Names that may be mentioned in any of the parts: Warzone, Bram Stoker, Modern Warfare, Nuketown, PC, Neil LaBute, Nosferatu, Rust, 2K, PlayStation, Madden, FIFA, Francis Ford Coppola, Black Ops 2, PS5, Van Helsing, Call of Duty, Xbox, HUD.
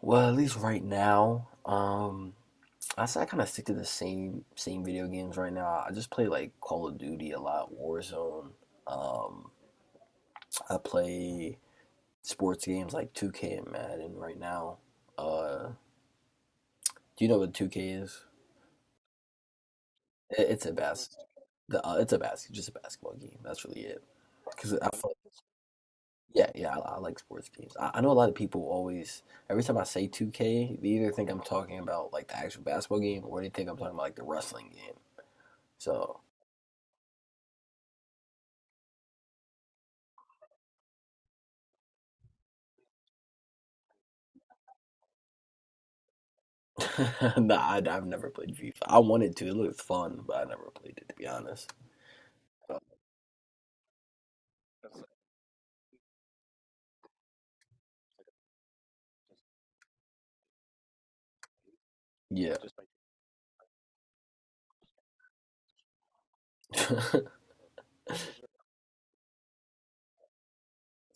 Well, at least right now, I say I kind of stick to the same video games right now. I just play like Call of Duty a lot, Warzone. Um, I play sports games like 2K and Madden right now. Uh, do you know what 2K is? It's a bas the just a basketball game. That's really it. Because I feel like— yeah, yeah, I like sports games. I know a lot of people always every time I say 2K, they either think I'm talking about like the actual basketball game or they think I'm talking about like the wrestling game. So, nah, have never played FIFA. I wanted to. It looked fun, but I never played it to be honest. Yeah.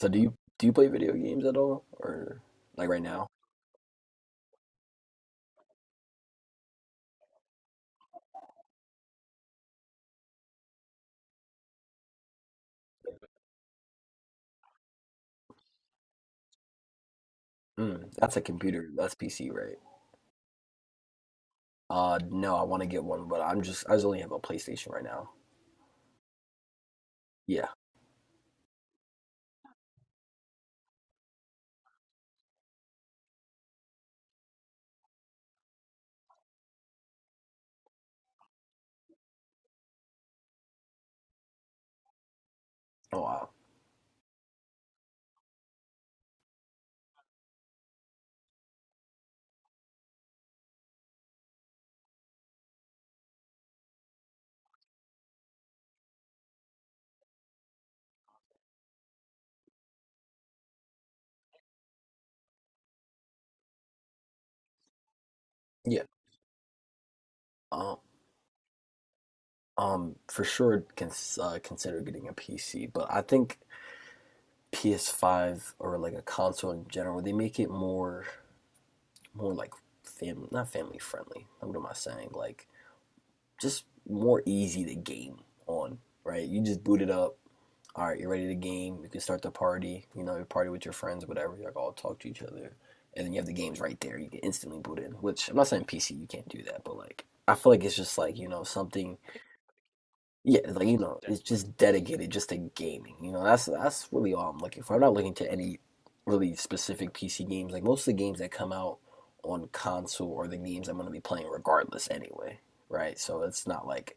So do you play video games at all, or like right now? Mm, that's a computer. That's PC, right? No, I want to get one, but I just only have a PlayStation right now. Yeah. Oh wow. Yeah. Um. For sure, consider getting a PC, but I think PS5 or like a console in general, they make it more like family, not family friendly. What am I saying? Like just more easy to game on, right? You just boot it up. All right, you're ready to game. You can start the party. You know, you party with your friends, whatever. You like all talk to each other, and then you have the games right there. You can instantly boot in. Which I'm not saying PC you can't do that, but like I feel like it's just like something. Yeah, like, it's just dedicated just to gaming. That's really all I'm looking for. I'm not looking to any really specific PC games. Like most of the games that come out on console are the games I'm going to be playing regardless anyway, right? So it's not like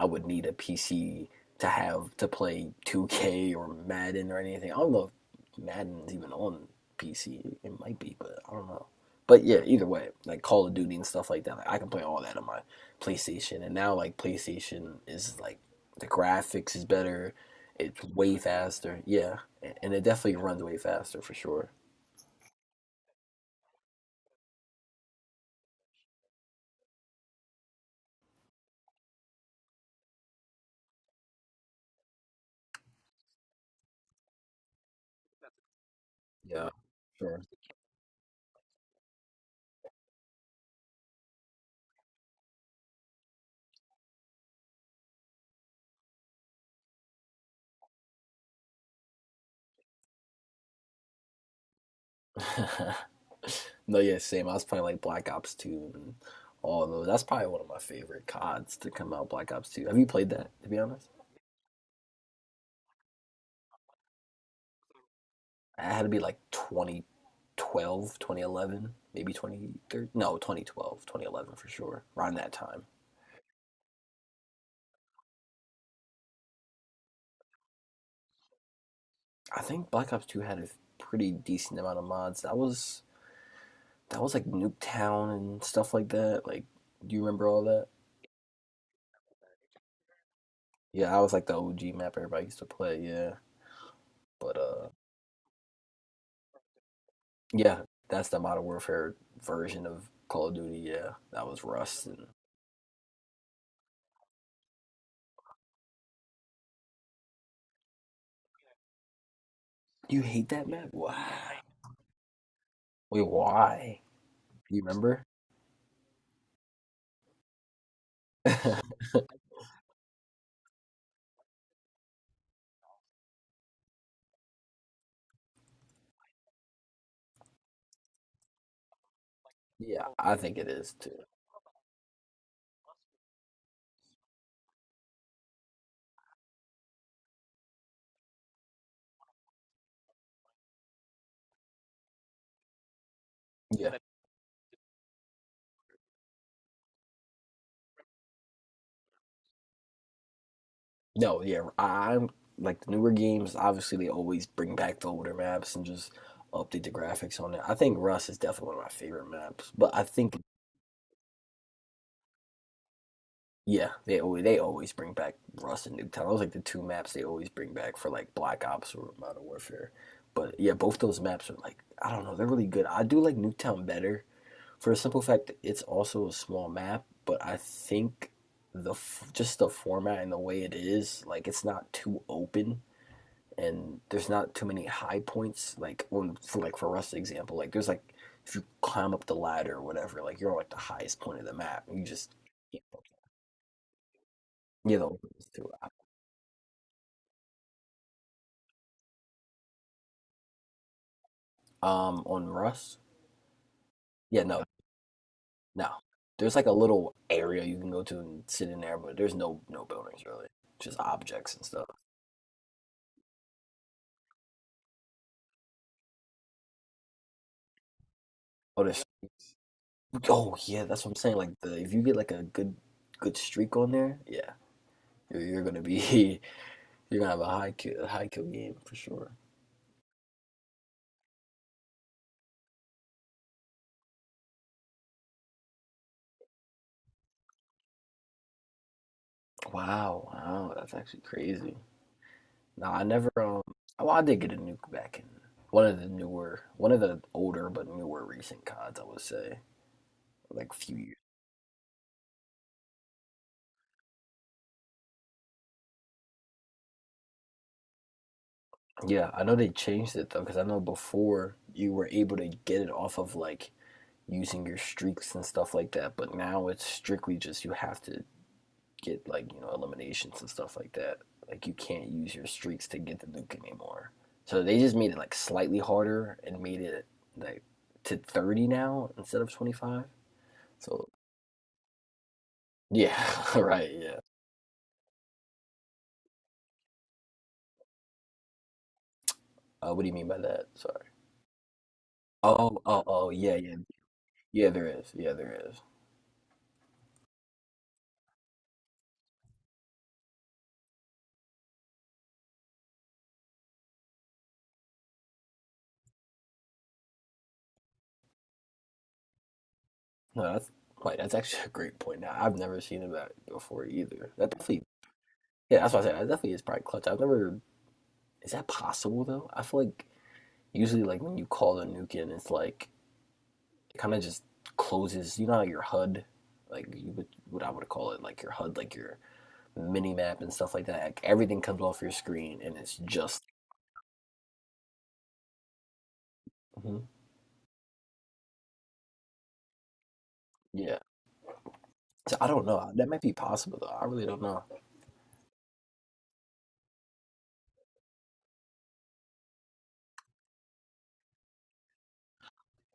I would need a PC to have to play 2K or Madden or anything. I don't know if Madden's even on PC. It might be, but I don't know. But yeah, either way, like Call of Duty and stuff like that, like, I can play all that on my PlayStation. And now like PlayStation is like the graphics is better. It's way faster. Yeah, and it definitely runs way faster for sure. Yeah, sure. No, yeah, same. I was playing like Black Ops 2 and all those. That's probably one of my favorite CODs to come out, Black Ops 2. Have you played that, to be honest? I had to be like 2012, 2011, maybe 2013. No, 2012, 2011 for sure, around that time. I think Black Ops 2 had a pretty decent amount of mods. That was like Nuketown and stuff like that. Like, do you remember all that? Yeah, I was like the OG map everybody used to play, yeah. But Yeah, that's the Modern Warfare version of Call of Duty. Yeah, that was Rust. And you hate that map? Why? Wait, why? You remember? Yeah, I think it is too. Yeah. No, yeah, I'm like, the newer games, obviously they always bring back the older maps and just update the graphics on it. I think Rust is definitely one of my favorite maps, but I think— yeah, they always bring back Rust and Nuketown. Those are like the two maps they always bring back for like Black Ops or Modern Warfare. But yeah, both those maps are like, I don't know, they're really good. I do like Nuketown better for a simple fact that it's also a small map, but I think just the format and the way it is, like it's not too open and there's not too many high points. Like, on for like for Rust example, like there's like if you climb up the ladder or whatever, like you're on like the highest point of the map and you just can't. Yeah, the openness too. On Rust? Yeah, no, no. There's like a little area you can go to and sit in there, but there's no buildings really. Just objects and stuff. Oh, there's. Oh yeah, that's what I'm saying. Like, the if you get like a good streak on there, yeah, you're gonna be you're gonna have a high kill game for sure. Wow, wow, that's actually crazy. No, I never. Well, I did get a nuke back in one of the newer, one of the older but newer recent CODs. I would say like few years. Yeah, I know they changed it though, because I know before you were able to get it off of like using your streaks and stuff like that, but now it's strictly just you have to get like, eliminations and stuff like that. Like you can't use your streaks to get the nuke anymore. So they just made it like slightly harder and made it like to 30 now instead of 25. So yeah, right, yeah. What do you mean by that? Sorry. Oh, oh, oh, yeah, yeah. Yeah, there is. Yeah, there is. No, that's actually a great point. Now I've never seen him that before either. That definitely, yeah, that's what I said. That definitely is probably clutch. I've never. Is that possible though? I feel like usually like when you call the nuke in, it's like it kind of just closes. You know, how your HUD, like, you would what I would call it, like your HUD, like your mini map and stuff like that. Like everything comes off your screen and it's just— mhm. Yeah. So I don't know. That might be possible though. I really don't know.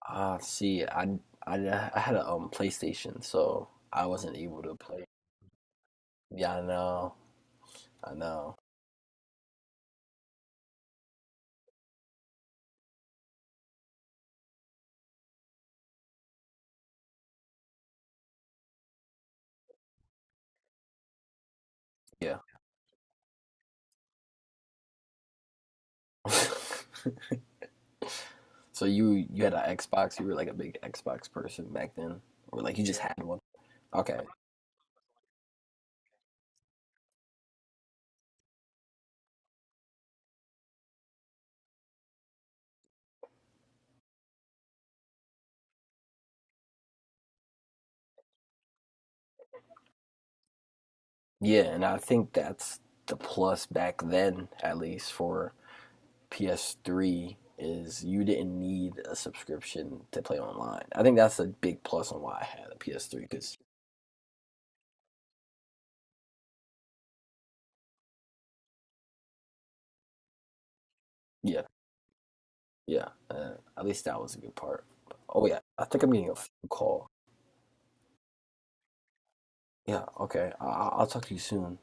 Ah, see, I had a PlayStation, so I wasn't able to play. Yeah, I know. I know. Yeah. So you had an Xbox, you were like a big Xbox person back then, or like you just— yeah, had one. Okay. Yeah, and I think that's the plus back then, at least for PS3, is you didn't need a subscription to play online. I think that's a big plus on why I had a PS3, because yeah, yeah, at least that was a good part. Oh yeah, I think I'm getting a phone call. Yeah, okay. I'll talk to you soon.